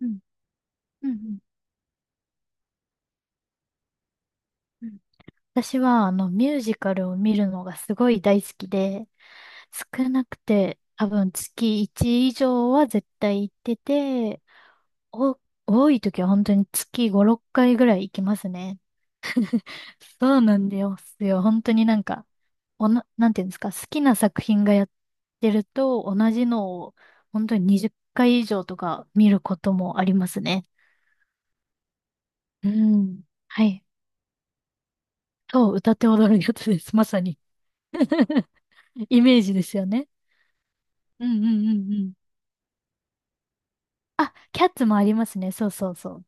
うん。うんうんうん。私は、ミュージカルを見るのがすごい大好きで、少なくて、多分月1以上は絶対行ってて、お、多い時は本当に月5、6回ぐらい行きますね。そうなんですよ。本当に、なんていうんですか、好きな作品がやってると、同じのを本当に20回以上とか見ることもありますね。うん。はい。そう、歌って踊るやつです。まさに。イメージですよね。うんうんうんうん。あ、キャッツもありますね。そうそうそう。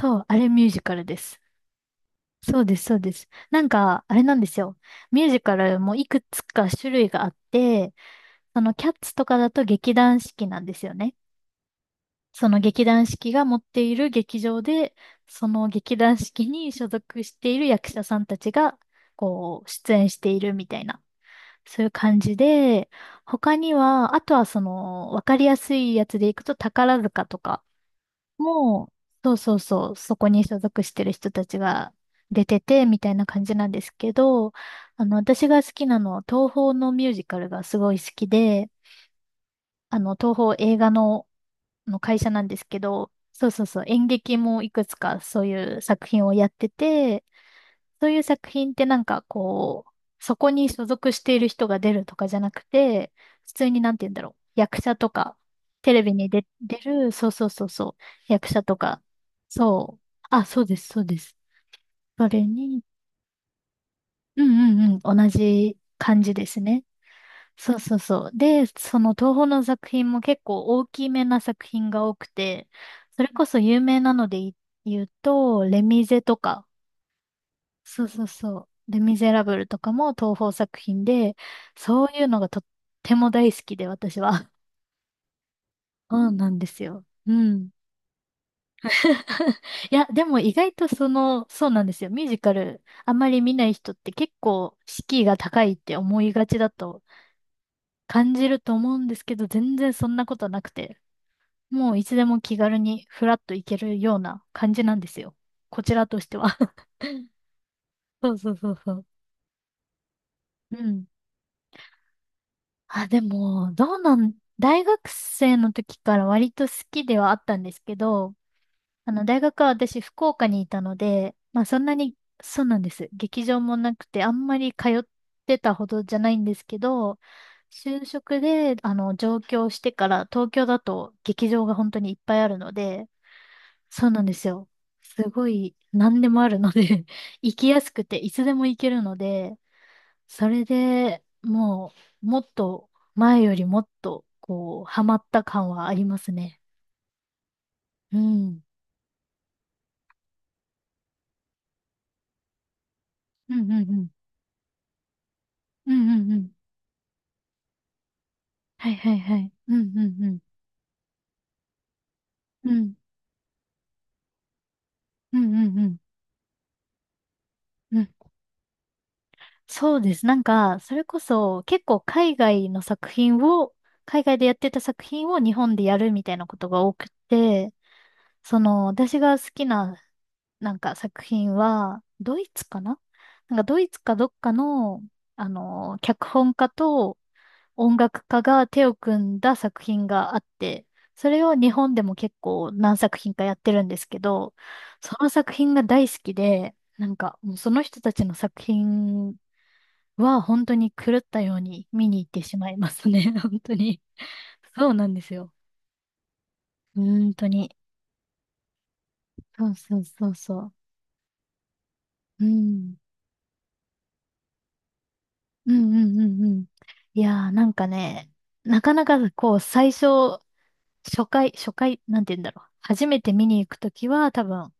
そう、あれミュージカルです。そうです、そうです。なんか、あれなんですよ。ミュージカルもいくつか種類があって、そのキャッツとかだと劇団四季なんですよね。その劇団四季が持っている劇場で、その劇団四季に所属している役者さんたちが、こう、出演しているみたいな。そういう感じで、他には、あとはその、わかりやすいやつでいくと宝塚とかも、そうそうそう、そこに所属してる人たちが出てて、みたいな感じなんですけど、私が好きなのは、東宝のミュージカルがすごい好きで、東宝映画の会社なんですけど、そうそうそう、演劇もいくつかそういう作品をやってて、そういう作品ってなんかこう、そこに所属している人が出るとかじゃなくて、普通になんて言うんだろう。役者とか、テレビに出、出る、そうそうそうそう、役者とか、そう。あ、そうです、そうです。それに、うんうんうん、同じ感じですね。そうそうそう。で、その東宝の作品も結構大きめな作品が多くて、それこそ有名なので言うと、レミゼとか、そうそうそう。レ・ミゼラブルとかも東宝作品で、そういうのがとっても大好きで、私は。うん、なんですよ。うん。いや、でも意外とその、そうなんですよ。ミュージカル、あまり見ない人って結構敷居が高いって思いがちだと感じると思うんですけど、全然そんなことなくて、もういつでも気軽にフラッと行けるような感じなんですよ。こちらとしては。そうそうそうそう。うん。あ、でも、どうなん、大学生の時から割と好きではあったんですけど、大学は私福岡にいたので、まあそんなに、そうなんです。劇場もなくて、あんまり通ってたほどじゃないんですけど、就職で、上京してから、東京だと劇場が本当にいっぱいあるので、そうなんですよ。すごい、何でもあるので 行きやすくて、いつでも行けるので、それでもう、もっと、前よりもっと、こう、ハマった感はありますね。うん。うんうんうん。うんうんうん。はいはいはい。うんうんうん。うん。うんうんうん。うん。そうです。なんか、それこそ、結構海外の作品を、海外でやってた作品を日本でやるみたいなことが多くて、その、私が好きな、なんか作品は、ドイツかななんかドイツかどっかの、脚本家と、音楽家が手を組んだ作品があって、それを日本でも結構何作品かやってるんですけど、その作品が大好きで、なんかもうその人たちの作品は本当に狂ったように見に行ってしまいますね。本当に。そうなんですよ。本当に。そうそうそうそう。うん。うんうんうんうん。いやーなんかね、なかなかこう最初、初回、初回、なんて言うんだろう。初めて見に行くときは多分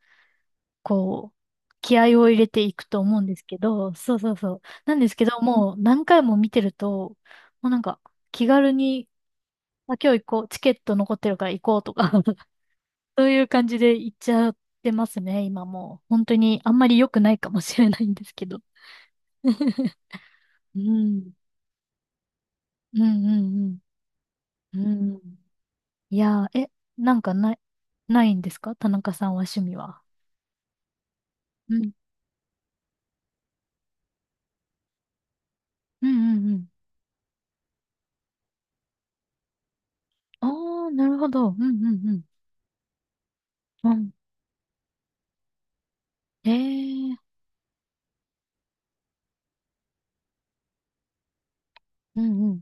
こう、気合を入れていくと思うんですけど、そうそうそう。なんですけど、もう何回も見てると、もうなんか気軽に、あ、今日行こう、チケット残ってるから行こうとか、そういう感じで行っちゃってますね、今もう。本当にあんまり良くないかもしれないんですけど。うん。うんうんうん。うん。いやー、え、なんかない、ないんですか田中さんは趣味は。うん。うんうんうん。ああ、なるほど。うんうんうん。うん。ええうんうん。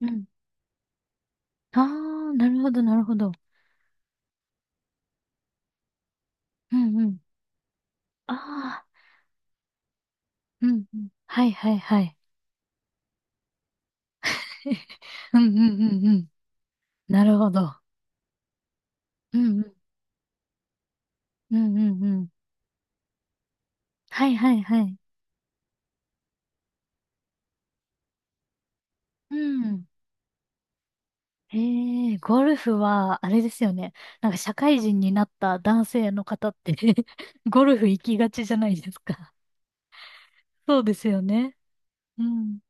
うん。ああ、なるほど、なるほど。うんうん。ああ、うんうん。はいはいはい。うんうんうんうん。なるほど。うんうん。うんうんうん。はいはいはい。うん。ええ、ゴルフは、あれですよね。なんか社会人になった男性の方って ゴルフ行きがちじゃないですか。そうですよね。うん。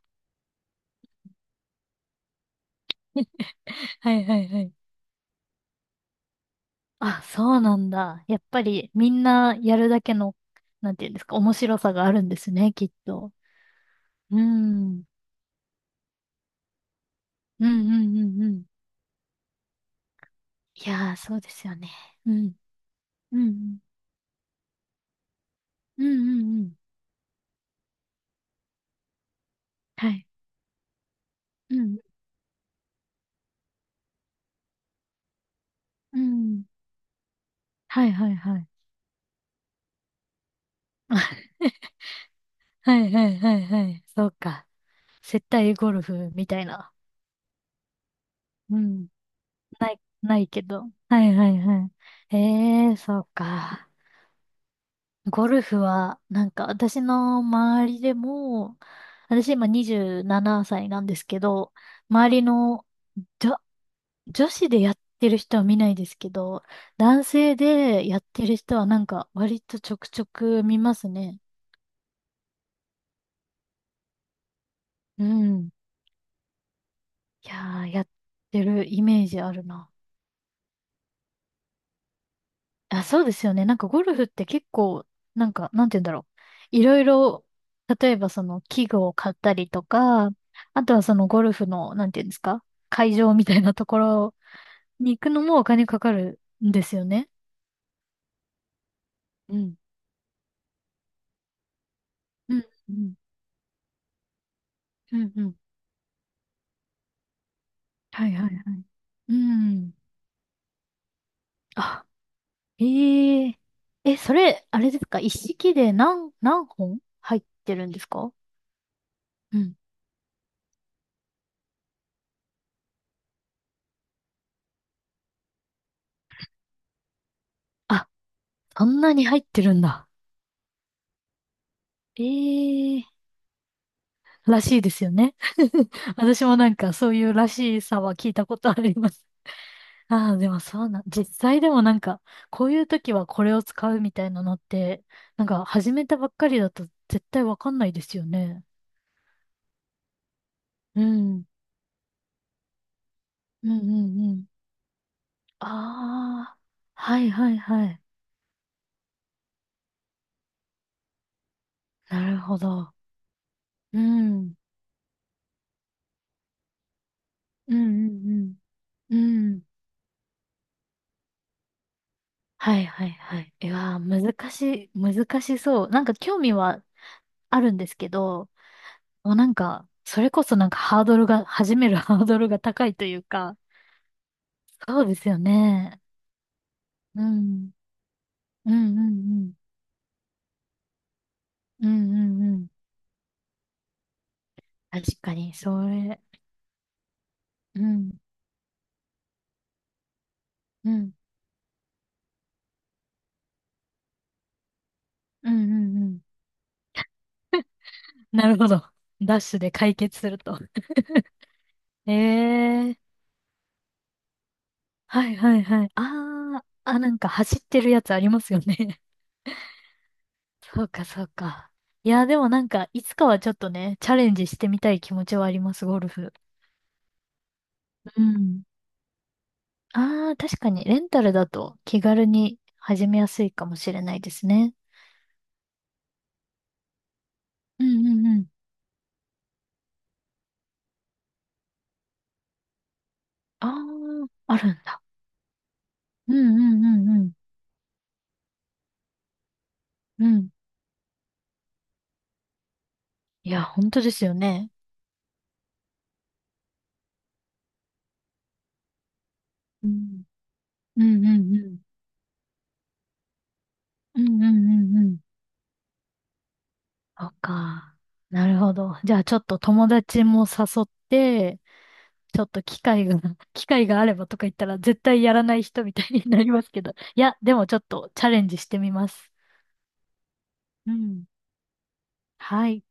はいはいはい。あ、そうなんだ。やっぱりみんなやるだけの、なんていうんですか、面白さがあるんですね、きっと。うん。うんうんうんうん。いやー、そうですよね。うん。うんうん。うんうんうん。はい。うん。うん。はいはいはい。はいはいはいはい。そうか。接待ゴルフみたいな。うん。ない、ないけど。はいはいはい。ええー、そうか。ゴルフは、なんか私の周りでも、私今27歳ななさいなんですけど、周りの女、女子でやってる人は見ないですけど、男性でやってる人はなんか割とちょくちょく見ますね。うん。いやー、やってるイメージあるな。あ、そうですよね。なんかゴルフって結構、なんて言うんだろう。いろいろ、例えばその器具を買ったりとか、あとはそのゴルフの、なんて言うんですか、会場みたいなところに行くのもお金かかるんですよね。うん。うん、うん、うん。はいはいはい。うん。あ、ええ。え、それ、あれですか一式で何本入ってるんですか？うん。あ、そんなに入ってるんだ。ええらしいですよね。私もなんかそういうらしさは聞いたことあります。ああ、でもそうなん、実際でもなんか、こういう時はこれを使うみたいなのって、なんか始めたばっかりだと絶対わかんないですよね。うん。うんうんうん。ああ、はいはいはい。なるほど。うん。うんうんうん。うん。はいはいはい。いやー、難しそう。なんか興味はあるんですけど、もうなんか、それこそなんかハードルが、始める ハードルが高いというか、そうですよね。うん。うんうんうん。うんうんうん。確かに、それ。うん。うん。うんうんうん。なるほど。ダッシュで解決すると。ええはいはいはい。あー、あ、なんか走ってるやつありますよね。そうかそうか。いや、でもなんか、いつかはちょっとね、チャレンジしてみたい気持ちはあります、ゴルフ。うん。ああ、確かに、レンタルだと気軽に始めやすいかもしれないですね。うんうんうん。ああ、あるんだ。うんうんうんうん。うん。いや、本当ですよね。うん。うんうんうん。うんうんうんうん。そっか。なるほど。じゃあ、ちょっと友達も誘って、ちょっと機会が、機会があればとか言ったら絶対やらない人みたいになりますけど。いや、でもちょっとチャレンジしてみます。うん。はい。